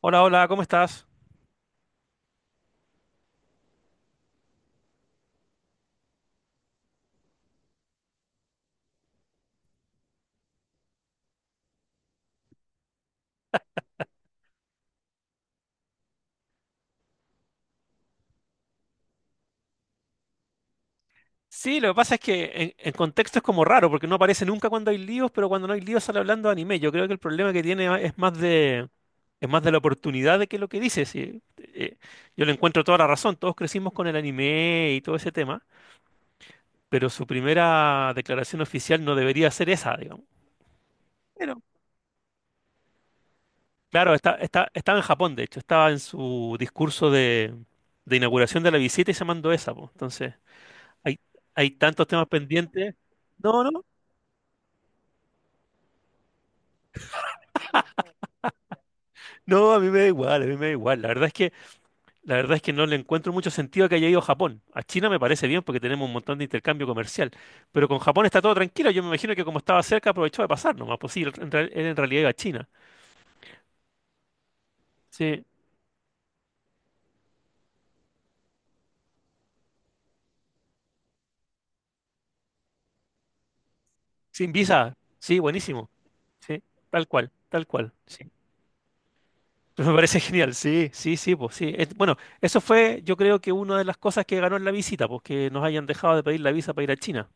Hola, hola, ¿cómo estás? Sí, lo que pasa es que en contexto es como raro, porque no aparece nunca cuando hay líos, pero cuando no hay líos sale hablando de anime. Yo creo que el problema que tiene es más de la oportunidad de que lo que dices. Sí. Yo le encuentro toda la razón, todos crecimos con el anime y todo ese tema, pero su primera declaración oficial no debería ser esa, digamos. Pero, claro, estaba en Japón, de hecho, estaba en su discurso de inauguración de la visita y se mandó esa, po. Entonces, hay, hay tantos temas pendientes. No, no, no, a mí me da igual, a mí me da igual. La verdad es que no le encuentro mucho sentido a que haya ido a Japón. A China me parece bien porque tenemos un montón de intercambio comercial, pero con Japón está todo tranquilo. Yo me imagino que como estaba cerca aprovechó de pasar nomás. Pues sí, él en realidad iba a China. Sí, sin visa. Sí, buenísimo. Sí, tal cual, tal cual. Sí. Pero me parece genial. Sí, sí, sí, pues sí. Bueno, eso fue, yo creo que una de las cosas que ganó en la visita, pues que nos hayan dejado de pedir la visa para ir a China.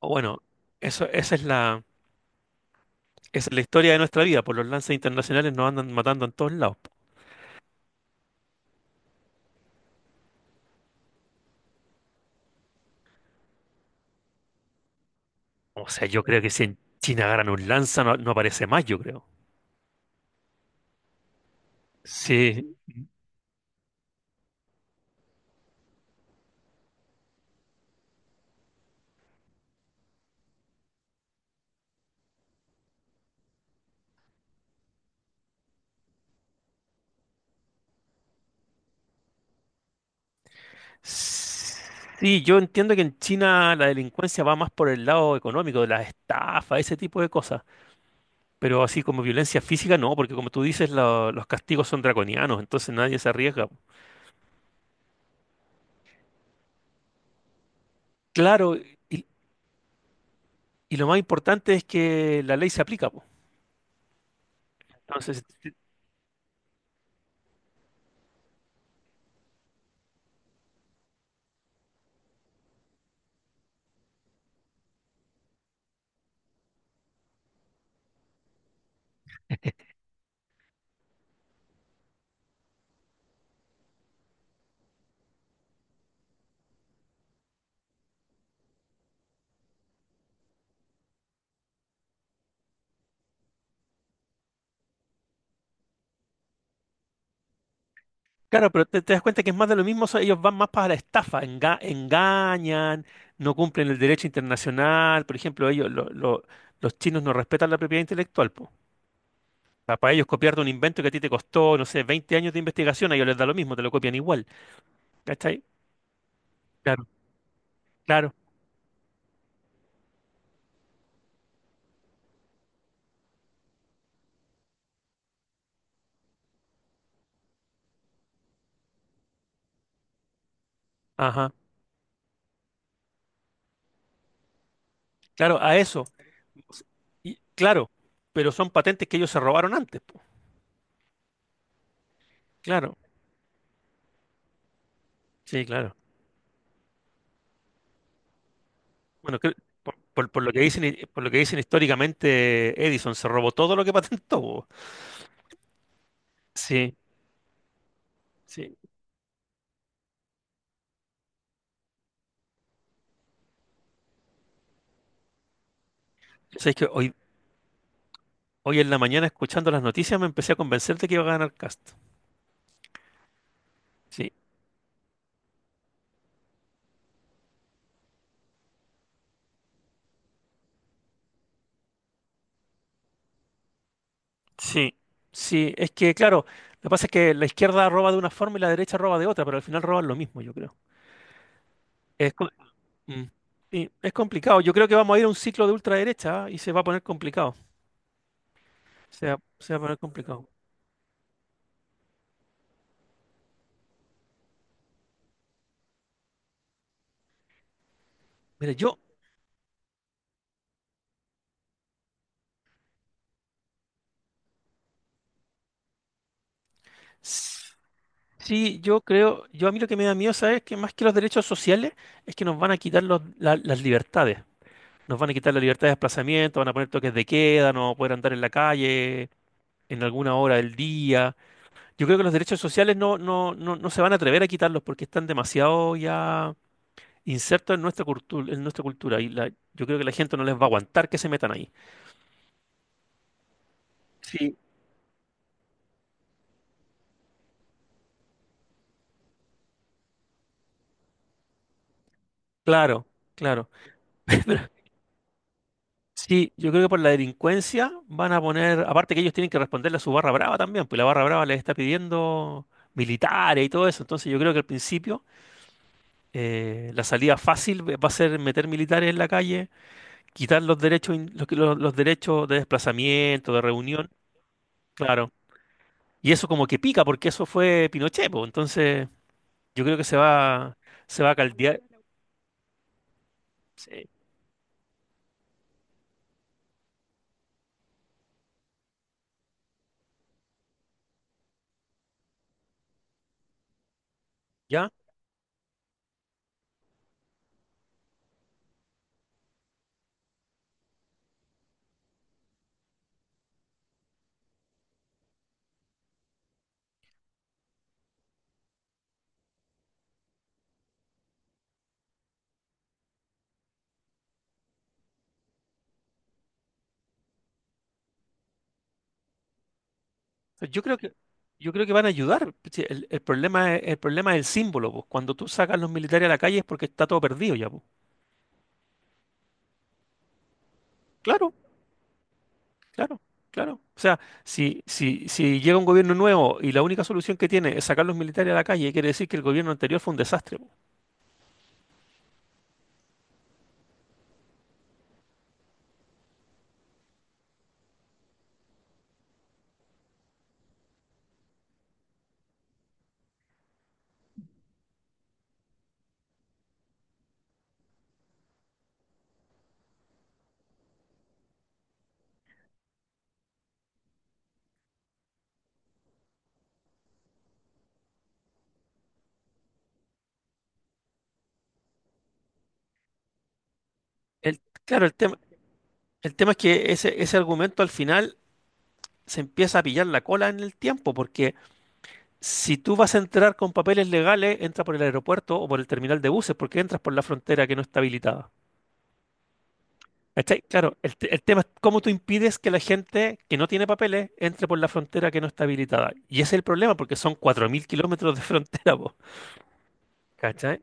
O bueno, eso, Esa es la historia de nuestra vida, por los lanzas internacionales nos andan matando en todos lados. O sea, yo creo que si en China agarran un lanza no aparece más, yo creo. Sí, sí, yo entiendo que en China la delincuencia va más por el lado económico, de las estafas, ese tipo de cosas. Pero así como violencia física, no, porque como tú dices, los castigos son draconianos, entonces nadie se arriesga. Claro, y lo más importante es que la ley se aplica, po. Entonces, claro, pero te das cuenta que es más de lo mismo, o sea, ellos van más para la estafa, engañan, no cumplen el derecho internacional, por ejemplo, ellos, los chinos no respetan la propiedad intelectual, po. O sea, para ellos copiarte un invento que a ti te costó, no sé, 20 años de investigación, a ellos les da lo mismo, te lo copian igual, ¿cachai? Claro, claro, ajá, claro, a eso, y, claro, pero son patentes que ellos se robaron antes, po. Claro, sí, claro. Bueno, por lo que dicen, por lo que dicen históricamente, Edison se robó todo lo que patentó, po. Sí. Sí. Sabes que hoy en la mañana escuchando las noticias me empecé a convencer de que iba a ganar Cast. Sí, sí, sí. Es que, claro, lo que pasa es que la izquierda roba de una forma y la derecha roba de otra, pero al final roban lo mismo, yo creo. Es, co- Mm. Sí, es complicado. Yo creo que vamos a ir a un ciclo de ultraderecha, ¿ah? Y se va a poner complicado. Se va a poner complicado. Mira, yo s- sí, yo creo, yo a mí lo que me da miedo, ¿sabes? Que más que los derechos sociales es que nos van a quitar las libertades. Nos van a quitar la libertad de desplazamiento, van a poner toques de queda, no vamos a poder andar en la calle en alguna hora del día. Yo creo que los derechos sociales no se van a atrever a quitarlos porque están demasiado ya insertos en nuestra cultura, en nuestra cultura. Yo creo que la gente no les va a aguantar que se metan ahí. Sí, claro, claro. Pero sí, yo creo que por la delincuencia van a poner, aparte que ellos tienen que responderle a su barra brava también, pues la barra brava les está pidiendo militares y todo eso. Entonces yo creo que al principio la salida fácil va a ser meter militares en la calle, quitar los derechos, los derechos de desplazamiento, de reunión, claro. Y eso como que pica, porque eso fue Pinochet, po. Entonces, yo creo que se va a caldear. Sí, ¿ya? Yo creo que, yo creo que van a ayudar. Sí, el problema es el símbolo, pues. Cuando tú sacas los militares a la calle es porque está todo perdido ya, pues. Claro. Claro, claro. O sea, si llega un gobierno nuevo y la única solución que tiene es sacar los militares a la calle, quiere decir que el gobierno anterior fue un desastre, po. El, claro, el tema es que ese argumento al final se empieza a pillar la cola en el tiempo, porque si tú vas a entrar con papeles legales, entra por el aeropuerto o por el terminal de buses, porque entras por la frontera que no está habilitada. ¿Cachai? Claro, el tema es cómo tú impides que la gente que no tiene papeles entre por la frontera que no está habilitada. Y ese es el problema, porque son 4.000 kilómetros de frontera. ¿Cachai?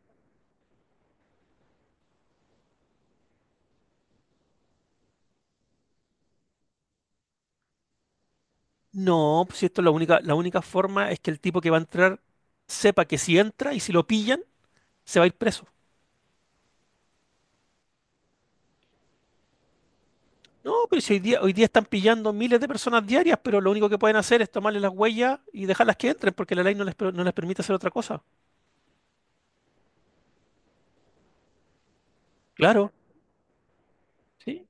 No, pues si esto es la única forma es que el tipo que va a entrar sepa que si entra y si lo pillan, se va a ir preso. No, pero si hoy día están pillando miles de personas diarias, pero lo único que pueden hacer es tomarle las huellas y dejarlas que entren, porque la ley no les permite hacer otra cosa. Claro, sí.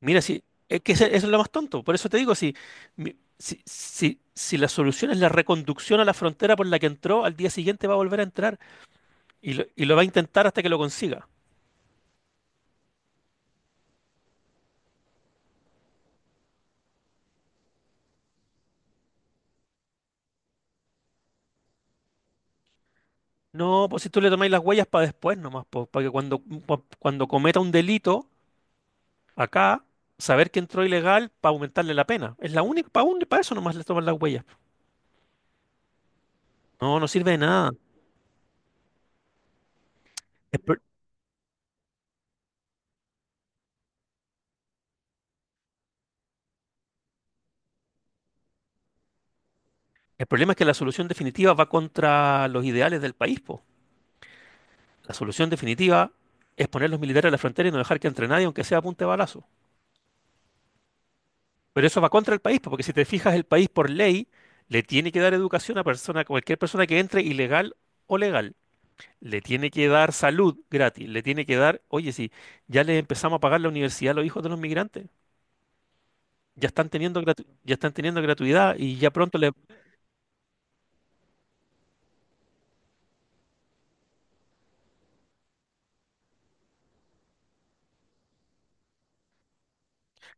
Mira, sí, es que eso es lo más tonto. Por eso te digo, si la solución es la reconducción a la frontera por la que entró, al día siguiente va a volver a entrar y lo va a intentar hasta que lo consiga. No, pues si tú le tomáis las huellas para después nomás, pues, para que cuando, cuando cometa un delito acá, saber que entró ilegal para aumentarle la pena. Es la única, para eso nomás le toman las huellas. No, no sirve de nada. El, pro- el problema es que la solución definitiva va contra los ideales del país, po. La solución definitiva es poner los militares a la frontera y no dejar que entre nadie, aunque sea a punta de balazo. Pero eso va contra el país, po, porque si te fijas, el país por ley le tiene que dar educación a cualquier persona que entre ilegal o legal. Le tiene que dar salud gratis, le tiene que dar, oye, sí, ya les empezamos a pagar la universidad a los hijos de los migrantes, ya están teniendo gratuidad y ya pronto le,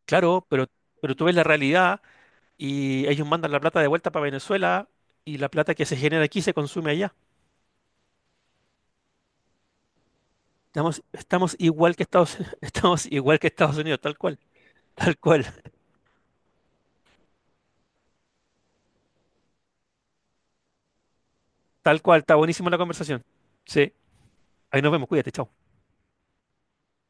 claro, pero tú ves la realidad y ellos mandan la plata de vuelta para Venezuela y la plata que se genera aquí se consume allá. Estamos igual que Estados, estamos igual que Estados Unidos, tal cual, tal cual, tal cual, está buenísima la conversación. Sí, ahí nos vemos, cuídate, chao.